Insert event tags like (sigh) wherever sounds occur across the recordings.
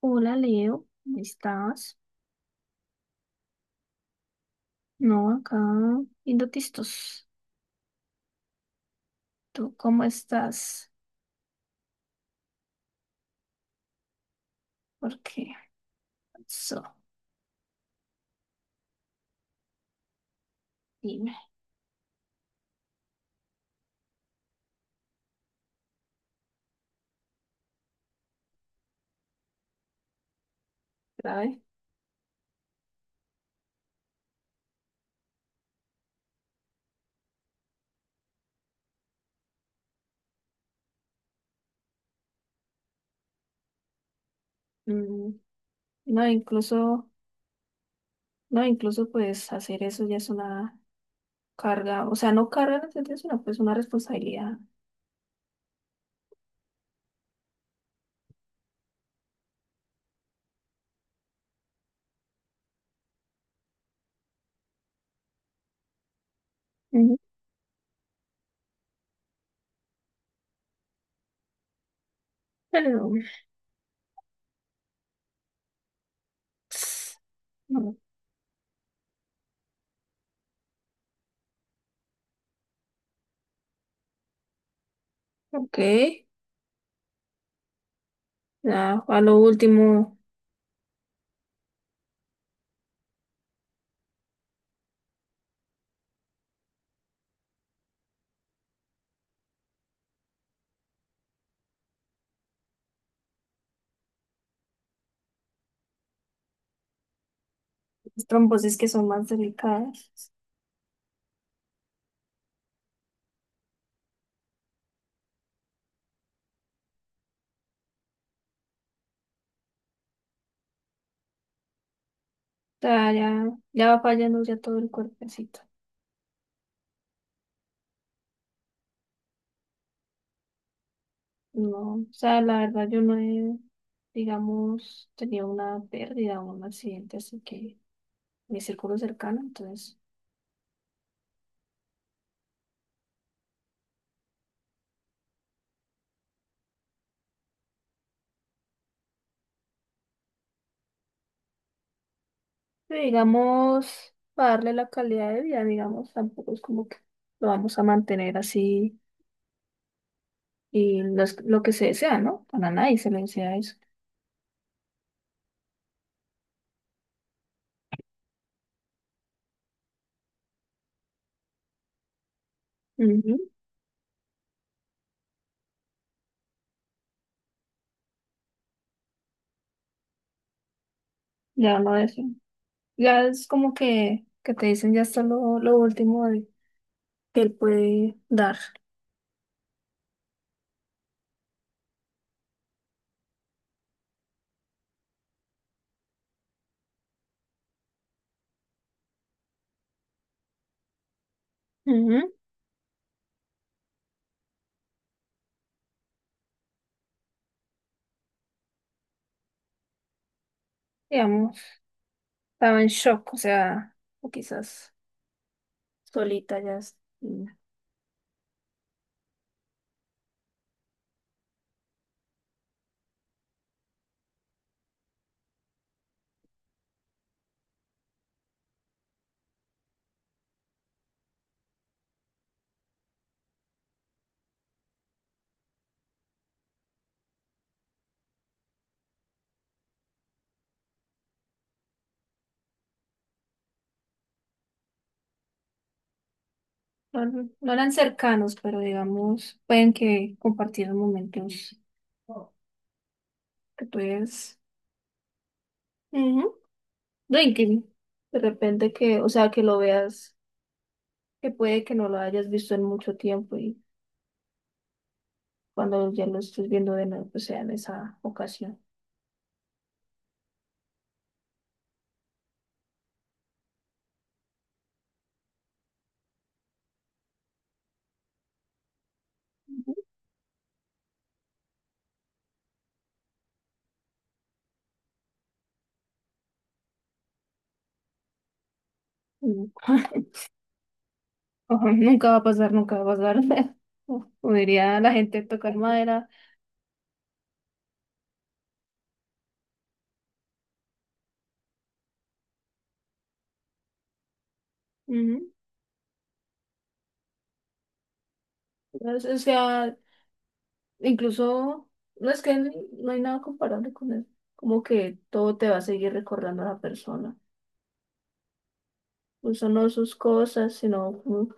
Hola Leo, ¿cómo estás? No, acá viendo tistos. ¿Tú cómo estás? ¿Por qué? So, dime, ¿sabes? Mm, no, incluso, no, incluso pues hacer eso ya es una carga, o sea, no carga en el sentido, sino pues una responsabilidad. Ujú. Pero, ps, no, ok, ya, a lo último, las trombosis que son más delicadas. O sea, ya, ya va fallando ya todo el cuerpecito. No, o sea, la verdad yo no he, digamos, tenido una pérdida o un accidente, así que mi círculo cercano, entonces, sí, digamos, para darle la calidad de vida, digamos, tampoco es como que lo vamos a mantener así y no es lo que se desea, ¿no? Para nadie se le desea eso. Ujú. Ya no es, ya es como que te dicen ya está lo último de- que él puede dar. Ujú. Digamos, estaba en shock, o sea, o quizás. Solita ya. Es- no, no no eran cercanos, pero digamos, pueden que compartieron momentos que tú eres. Ujú. No, y que de repente que, o sea, que lo veas, que puede que no lo hayas visto en mucho tiempo y cuando ya lo estés viendo de nuevo, pues sea en esa ocasión. Ujú. (laughs) Ojo, nunca va a pasar, nunca va a pasar. (laughs) O diría la gente tocar madera. Ujú. Entonces, o sea, incluso, no es que n- no hay nada comparable con él. Como que todo te va a seguir recordando a la persona. Incluso no sus cosas, sino como-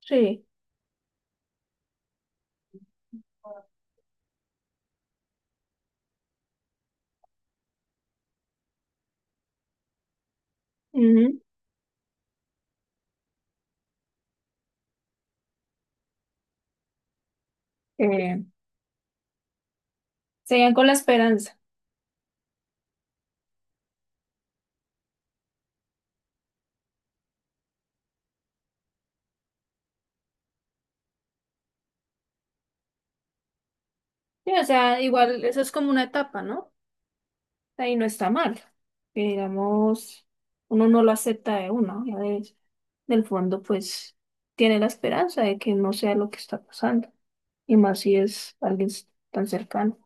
Sí. Ujú. Eh, seguían con la esperanza. Sí, o sea, igual eso es como una etapa, ¿no? Ahí no está mal. Que digamos, uno no lo acepta de uno, ya de- del fondo, pues tiene la esperanza de que no sea lo que está pasando. Y más si es alguien s- tan cercano.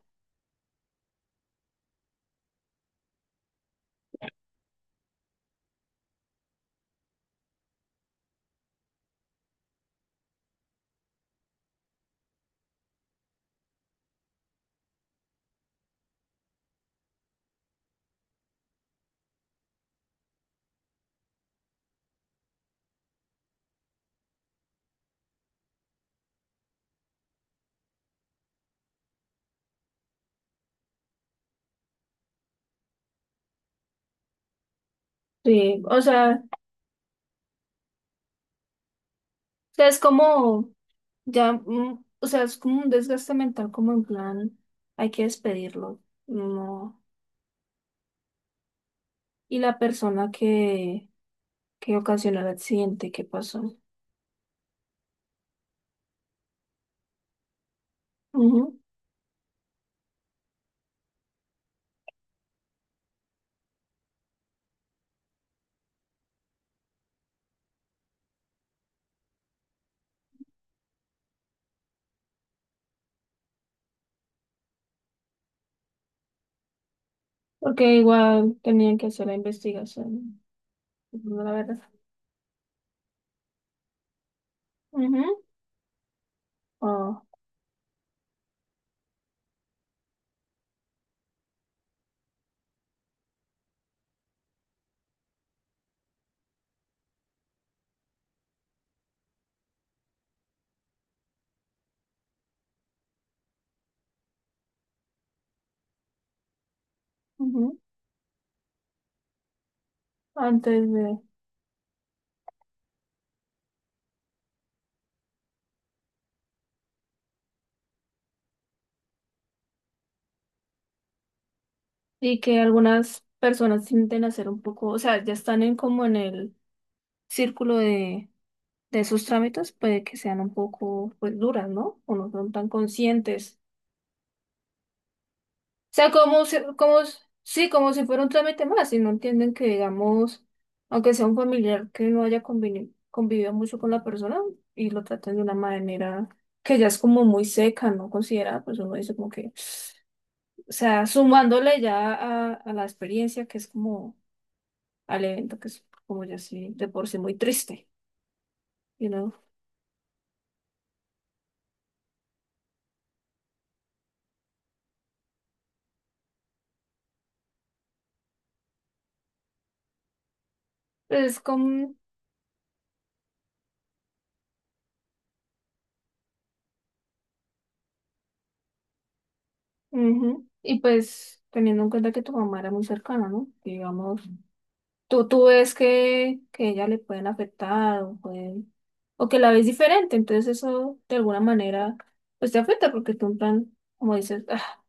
Sí, o sea, es como ya, o sea, es como un desgaste mental, como en plan, hay que despedirlo, no. Y la persona que ocasionó el accidente, ¿qué pasó? Ujú. Porque igual tenían que hacer la investigación, la verdad. Ujú. Ah, ujú. Antes de. Y que algunas personas tienden a ser un poco, o sea, ya están en como en el círculo de esos trámites, puede que sean un poco, pues, duras, ¿no? O no son tan conscientes, sea, como si, como, s- sí, como si fuera un trámite más, y no entienden que, digamos, aunque sea un familiar que no haya conveni- convivido mucho con la persona y lo traten de una manera que ya es como muy seca, no considerada, pues uno dice como que, o sea, sumándole ya a la experiencia que es como al evento, que es como ya sí, de por sí muy triste, you know. Es como, ujú, y pues teniendo en cuenta que tu mamá era muy cercana, ¿no? Digamos, tú ves que ella le pueden afectar o, pueden- o que la ves diferente, entonces eso de alguna manera pues te afecta porque tú en plan, como dices, ah,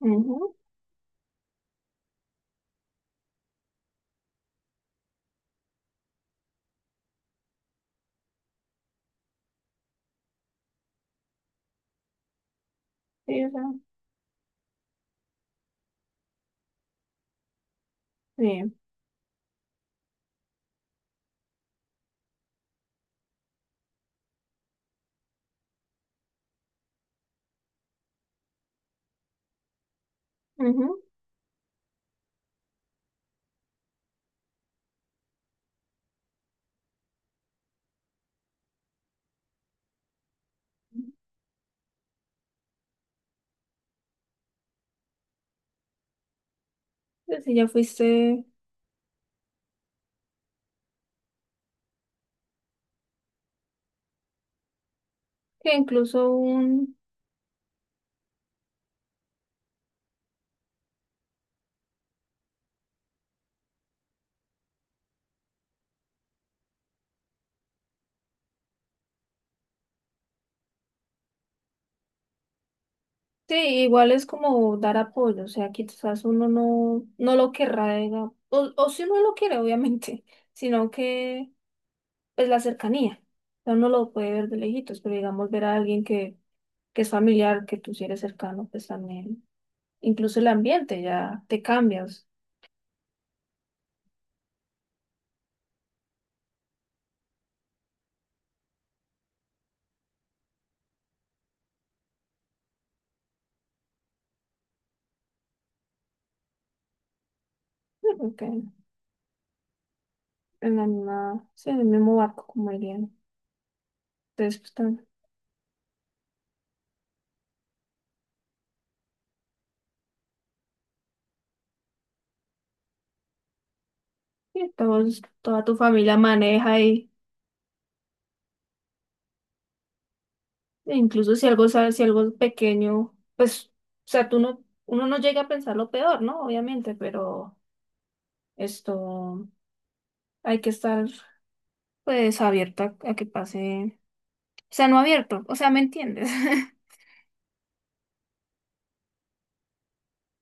ujú, sí, o sea, bien, ujú. Pues si ya fuiste, que incluso un, sí, igual es como dar apoyo, o sea, quizás uno no, no lo querrá, diga, o si uno lo quiere, obviamente, (laughs) sino que pues la cercanía. O sea, uno lo puede ver de lejitos, pero digamos ver a alguien que es familiar, que tú sí eres cercano, pues también, incluso el ambiente ya te cambias, (laughs) como que en la misma, sí, en el mismo barco, como dirían. Entonces, pues tam- sí, todos, toda tu familia maneja y e incluso si algo sabes, si algo es pequeño, pues, o sea, tú no, uno no llega a pensar lo peor, ¿no? Obviamente, pero esto hay que estar pues abierta a que pase. O sea, no abierto, o sea, ¿me entiendes? (laughs)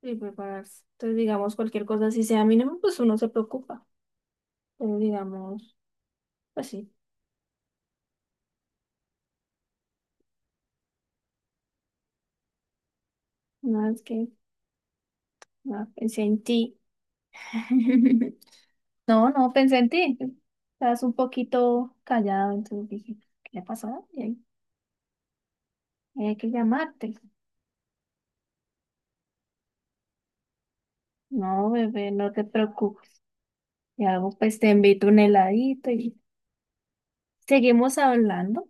Y prepararse. Entonces, digamos, cualquier cosa así sea mínimo, pues uno se preocupa. Pero digamos, pues sí, nada, es que nada, pensé en ti. (laughs) No, no, pensé en ti. Estás un poquito callado, entonces dije, ¿qué le pasó? Y ahí, hay que llamarte. No, bebé, no te preocupes. Y algo, pues te invito un heladito y seguimos hablando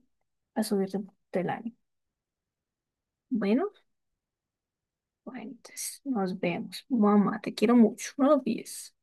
a subirte un poquito el ánimo. Bueno. Bueno, entonces nos vemos. Mamá, te quiero mucho. No lo olvides.